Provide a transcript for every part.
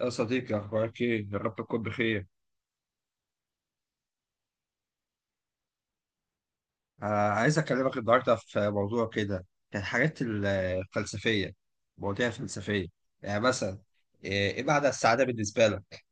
يا صديقي أخبارك إيه؟ يا رب تكون بخير. آه، عايز أكلمك النهاردة في موضوع كده، كان الحاجات الفلسفية، مواضيع فلسفية، يعني مثلا إيه معنى السعادة بالنسبة لك؟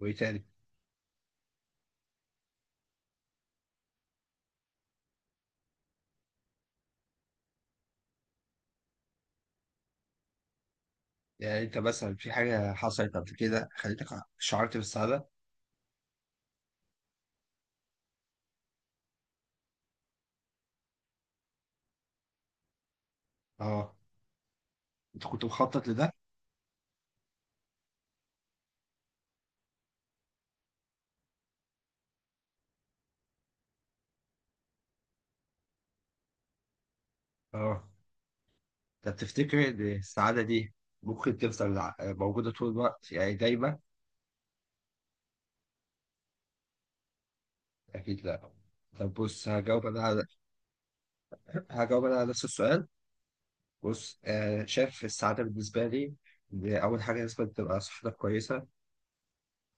وإيه تاني؟ يعني أنت مثلا في حاجة حصلت قبل كده خليتك شعرت بالسعادة؟ آه، أنت كنت مخطط لده؟ آه، طب تفتكر إن السعادة دي ممكن تفضل موجودة طول الوقت؟ يعني دايما؟ أكيد لأ. طب بص هجاوب أنا على هجاوب أنا على نفس السؤال. بص آه شايف السعادة بالنسبة لي إن أول حاجة لازم تبقى صحتك كويسة،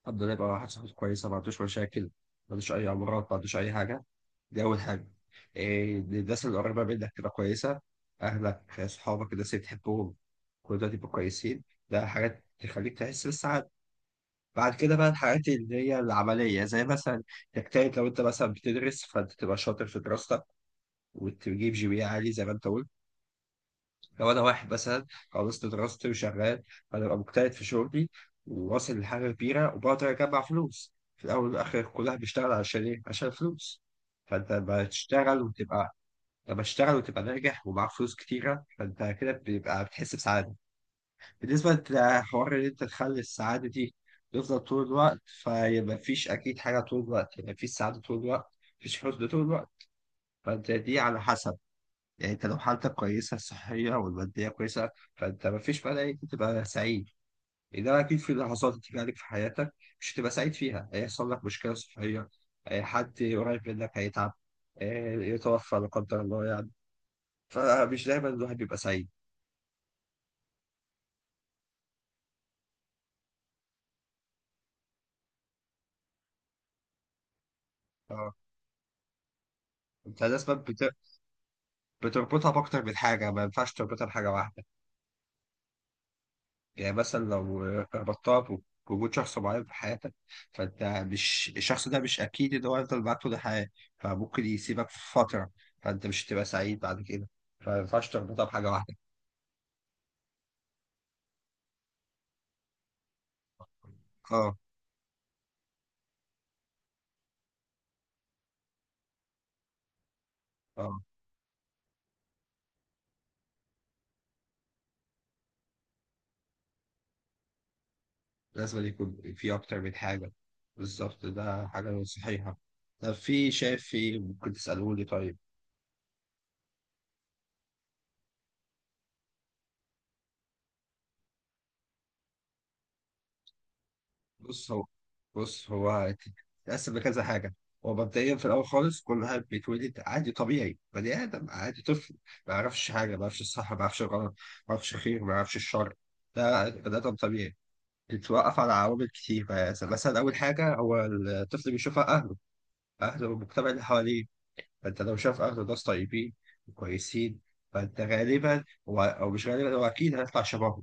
الحمد لله يبقى واحد صحته كويسة، ما عندوش مشاكل، ما عندوش أي أمراض، ما عندوش أي حاجة. دي أول حاجة. إيه، إن الناس اللي قريبة منك تبقى كويسة، أهلك صحابك الناس اللي بتحبهم كل دول يبقوا كويسين. ده حاجات تخليك تحس بالسعادة. بعد كده بقى الحاجات اللي هي العملية، زي مثلا تجتهد، لو أنت مثلا بتدرس فأنت تبقى شاطر في دراستك وتجيب جي بي إيه عالي زي ما أنت قلت. لو انا واحد مثلا خلصت دراستي وشغال، هبقى مجتهد في شغلي وواصل لحاجه كبيره وبقدر اجمع فلوس. في الاول والاخر كلها بيشتغل عشان ايه؟ عشان فلوس. فانت لما تشتغل وتبقى لما تشتغل وتبقى ناجح ومعاك فلوس كتيره، فانت كده بيبقى بتحس بسعاده. بالنسبه لحوار ان انت تخلي السعاده دي تفضل طول الوقت، فيبقى مفيش اكيد حاجه طول الوقت، يعني مفيش سعاده طول الوقت، مفيش حزن طول الوقت. فانت دي على حسب، يعني انت لو حالتك كويسه، الصحيه والماديه كويسه، فانت ما فيش مانع انك تبقى سعيد. انما اكيد في لحظات هتيجي عليك في حياتك مش هتبقى سعيد فيها، هيحصل لك مشكله صحيه، اه، حد قريب منك هيتعب، اه، يتوفى لا قدر الله يعني. فمش دايما الواحد بيبقى سعيد. اه. انت لازم بتربطها باكتر من حاجه، ما ينفعش تربطها بحاجه واحده. يعني مثلا لو ربطتها بوجود شخص معين في حياتك، فانت مش الشخص ده مش اكيد ان هو هيفضل معاك طول الحياه، فممكن يسيبك في فتره، فانت مش هتبقى سعيد بعد كده. فما ينفعش تربطها بحاجه واحده. اه. اه، لازم يكون في اكتر من حاجه. بالظبط، ده حاجه صحيحه. طب في شايف في ممكن تسالوني. طيب، بص هو بص هو تتقسم لكذا حاجة. هو مبدئيا في الأول خالص كل واحد بيتولد عادي طبيعي، بني آدم عادي طفل، ما يعرفش حاجة، ما يعرفش الصح ما يعرفش الغلط، ما يعرفش الخير ما يعرفش الشر. ده بني آدم طبيعي. بيتوقف على عوامل كتير. يعني مثلا أول حاجة هو الطفل بيشوفها أهله، أهله والمجتمع اللي حواليه. فأنت لو شاف أهله ناس طيبين وكويسين، فأنت غالبا هو أو مش غالبا، هو أكيد هيطلع شبههم،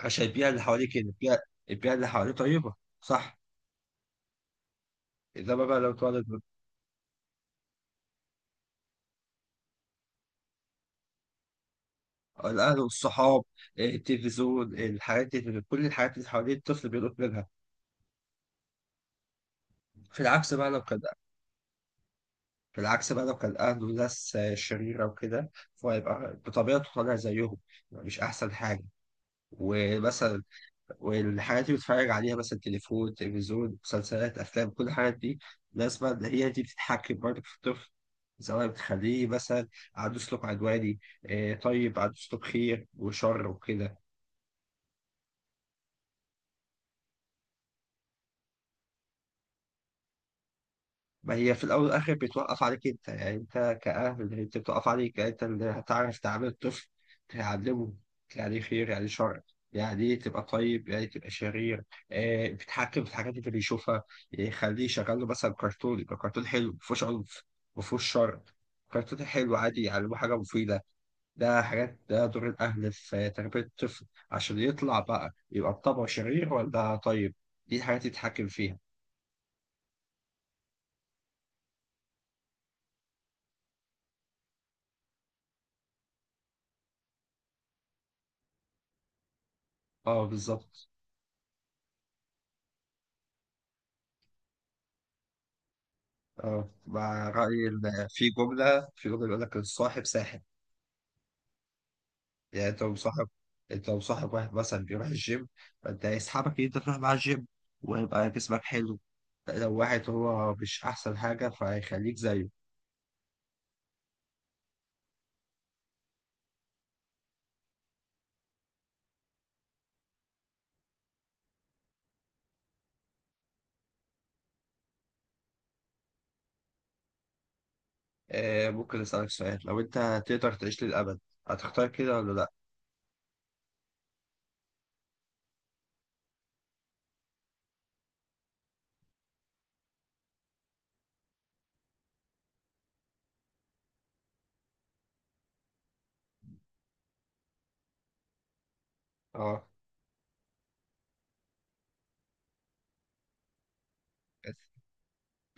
عشان البيئة اللي حواليه كده، البيئة، البيئة اللي حواليه طيبة، صح. انما بقى لو تولد، الاهل والصحاب، إيه، التلفزيون، الحاجات اللي، كل الحاجات اللي حوالين الطفل بيلقط منها. في العكس بقى لو كان في العكس بقى لو كان اهله ناس، آه، شريره وكده، فهيبقى بطبيعته طالع زيهم. يبقى مش احسن حاجه. ومثلا والحاجات اللي بيتفرج عليها، مثلا تليفون تلفزيون مسلسلات افلام، كل الحاجات دي لازم بقى هي دي بتتحكم برضه في الطفل، سواء بتخليه مثلا عنده سلوك عدواني، آه، طيب، عنده سلوك خير وشر وكده. ما هي في الاول والاخر بتوقف عليك انت، يعني انت كاهل، هي بتوقف عليك. يعني انت اللي هتعرف تعامل الطفل، تعلمه يعني خير يعني شر، يعني ايه تبقى طيب يعني تبقى شرير. آه، بتحكم في الحاجات اللي بيشوفها، يعني خليه يشغل له مثلا كرتون يبقى كرتون حلو مفهوش عنف، مفهوش شر، كرتون حلو عادي يعلمه حاجة مفيدة. ده حاجات، ده دور الأهل في تربية الطفل عشان يطلع بقى يبقى بطبعه شرير ولا طيب. دي الحاجات اللي يتحكم فيها. اه، بالظبط. اه، مع رأيي إن في جملة بيقول لك الصاحب ساحب. يعني أنت لو صاحب واحد مثلا بيروح الجيم، فأنت هيسحبك إن أنت تروح مع الجيم ويبقى جسمك حلو. لو واحد هو مش أحسن حاجة فهيخليك زيه. آه، ممكن أسألك سؤال؟ لو أنت هتقدر تعيش للأبد هتختار كده ولا لأ؟ اه، بس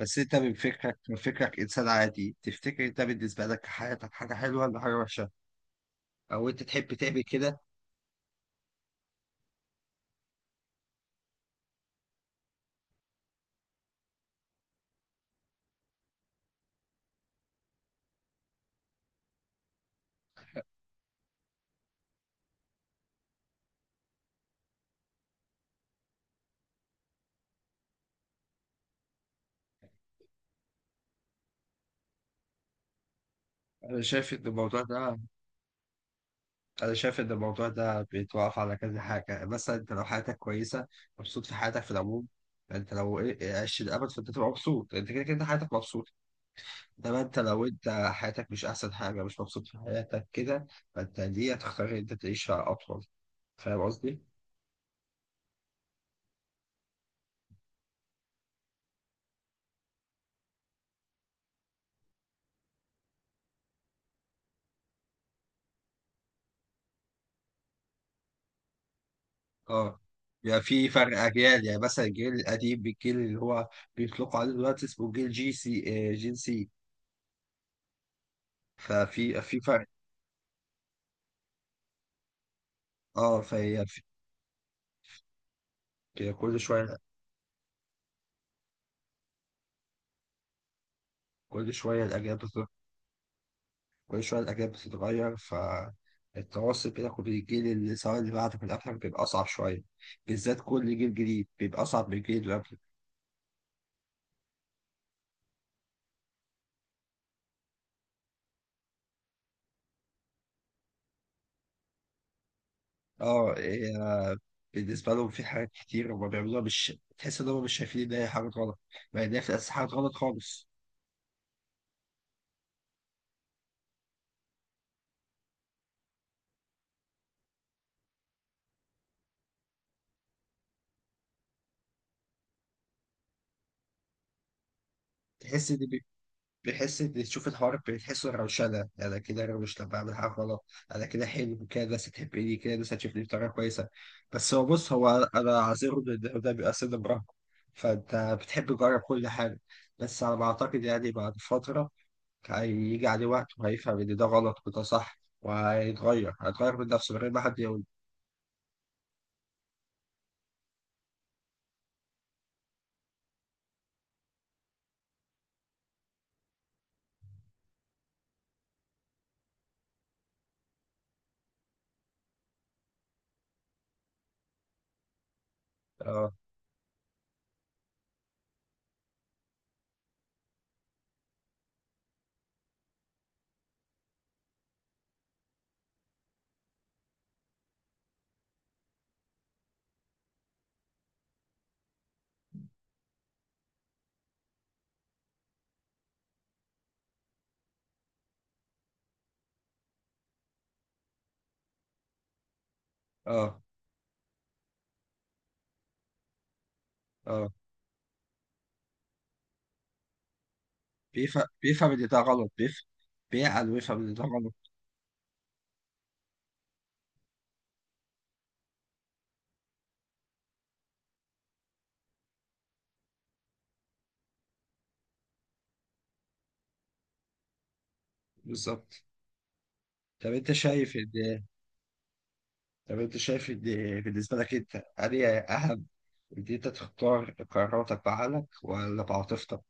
بس أنت من فكرك، من فكرك إنسان عادي، تفتكر أنت بالنسبة لك حياتك حاجة حلوة ولا حاجة وحشة؟ أو أنت تحب تعمل كده؟ أنا شايف إن الموضوع ده أنا شايف إن الموضوع ده بيتوقف على كذا حاجة. مثلا أنت لو حياتك كويسة، مبسوط في حياتك في العموم، يعني أنت لو إيه، عشت الأبد فأنت تبقى مبسوط، يعني أنت كده كده حياتك مبسوطة. إنما أنت لو أنت حياتك مش أحسن حاجة، مش مبسوط في حياتك كده، فأنت دي هتختار إن أنت تعيشها أطول. فاهم قصدي؟ أه. يعني في فرق أجيال، يعني مثلا الجيل القديم بالجيل اللي هو بيطلقوا عليه دلوقتي اسمه جيل جي سي إيه، جين سي. ففي في فرق. أه. كل شوية كل شوية الأجيال بتطلع، كل شوية الأجيال بتتغير، فالتواصل بينك وبين الجيل اللي، سواء اللي بعدك واللي قبلك، بيبقى أصعب شوية. بالذات كل جيل جديد بيبقى أصعب من الجيل اللي قبله. اه، إيه، بالنسبة لهم في حاجات كتير هما بيعملوها مش تحس إن هما مش شايفين إن هي حاجة غلط، مع إن هي في الأساس حاجة غلط خالص. تحس إن بحس ان، تشوف الحوار بتحسه روشنه، انا كده روش لما بعمل حاجه غلط، انا كده حلو كده الناس تحبني كده، الناس هتشوفني بطريقه كويسه. بس هو انا عذره ان ده بيبقى سن مراهقه، فانت بتحب تجرب كل حاجه. بس على ما اعتقد، يعني بعد فتره هيجي عليه وقت وهيفهم ان ده غلط وده صح، وهيتغير، من نفسه من غير ما حد يقول. اه، اه، اه، بيفهم ان ده غلط، بيفهم، بيعقل ويفهم ان ده غلط. بالظبط. طب انت شايف ان طب انت شايف ان بالنسبه لك انت انهي اهم، ان انت تختار قراراتك بعقلك ولا بعاطفتك؟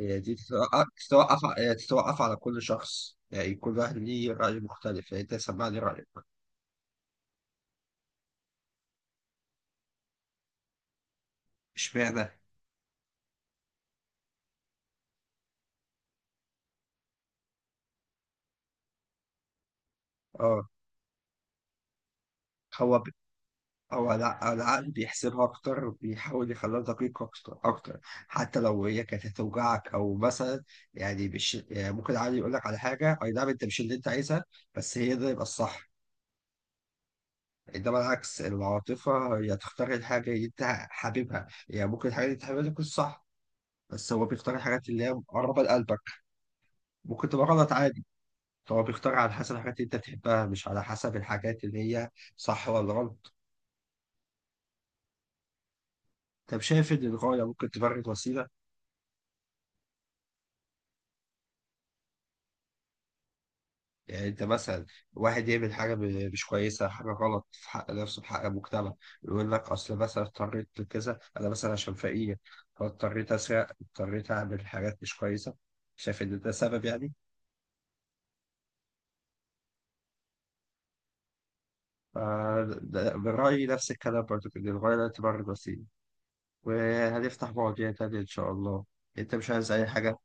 هي دي تتوقف، تتوقف على كل شخص، يعني كل واحد ليه راي مختلف، يعني انت سمعني رايك. اشمعنى؟ اه. هو ب... العقل بيحسبها اكتر وبيحاول يخليها دقيقه اكتر اكتر، حتى لو هي كانت هتوجعك او مثلا، يعني مش، يعني ممكن العقل يقول لك على حاجه اي نعم انت مش اللي انت عايزها، بس هي ده يبقى الصح. انما العكس العاطفه، هي تختار الحاجه اللي انت حاببها، يعني ممكن الحاجه اللي انت حاببها دي تكون صح، بس هو بيختار الحاجات اللي هي مقربه لقلبك. ممكن تبقى غلط عادي. هو بيختار على حسب الحاجات اللي انت بتحبها، مش على حسب الحاجات اللي هي صح ولا غلط. طب شايف ان الغايه ممكن تبرر وسيله؟ يعني انت مثلا واحد يعمل حاجه مش كويسه، حاجه غلط في حق نفسه في حق المجتمع، يقول لك اصل مثلا اضطريت لكذا، انا مثلا عشان فقير فاضطريت اسرق، اضطريت اعمل حاجات مش كويسه، شايف ان ده سبب يعني؟ ف- برأيي نفس الكلام برضو، إن الغاية لا تبرر الوسيلة. وهنفتح مواضيع تانية إن شاء الله. أنت مش عايز أي حاجة؟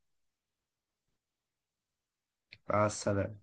مع السلامة.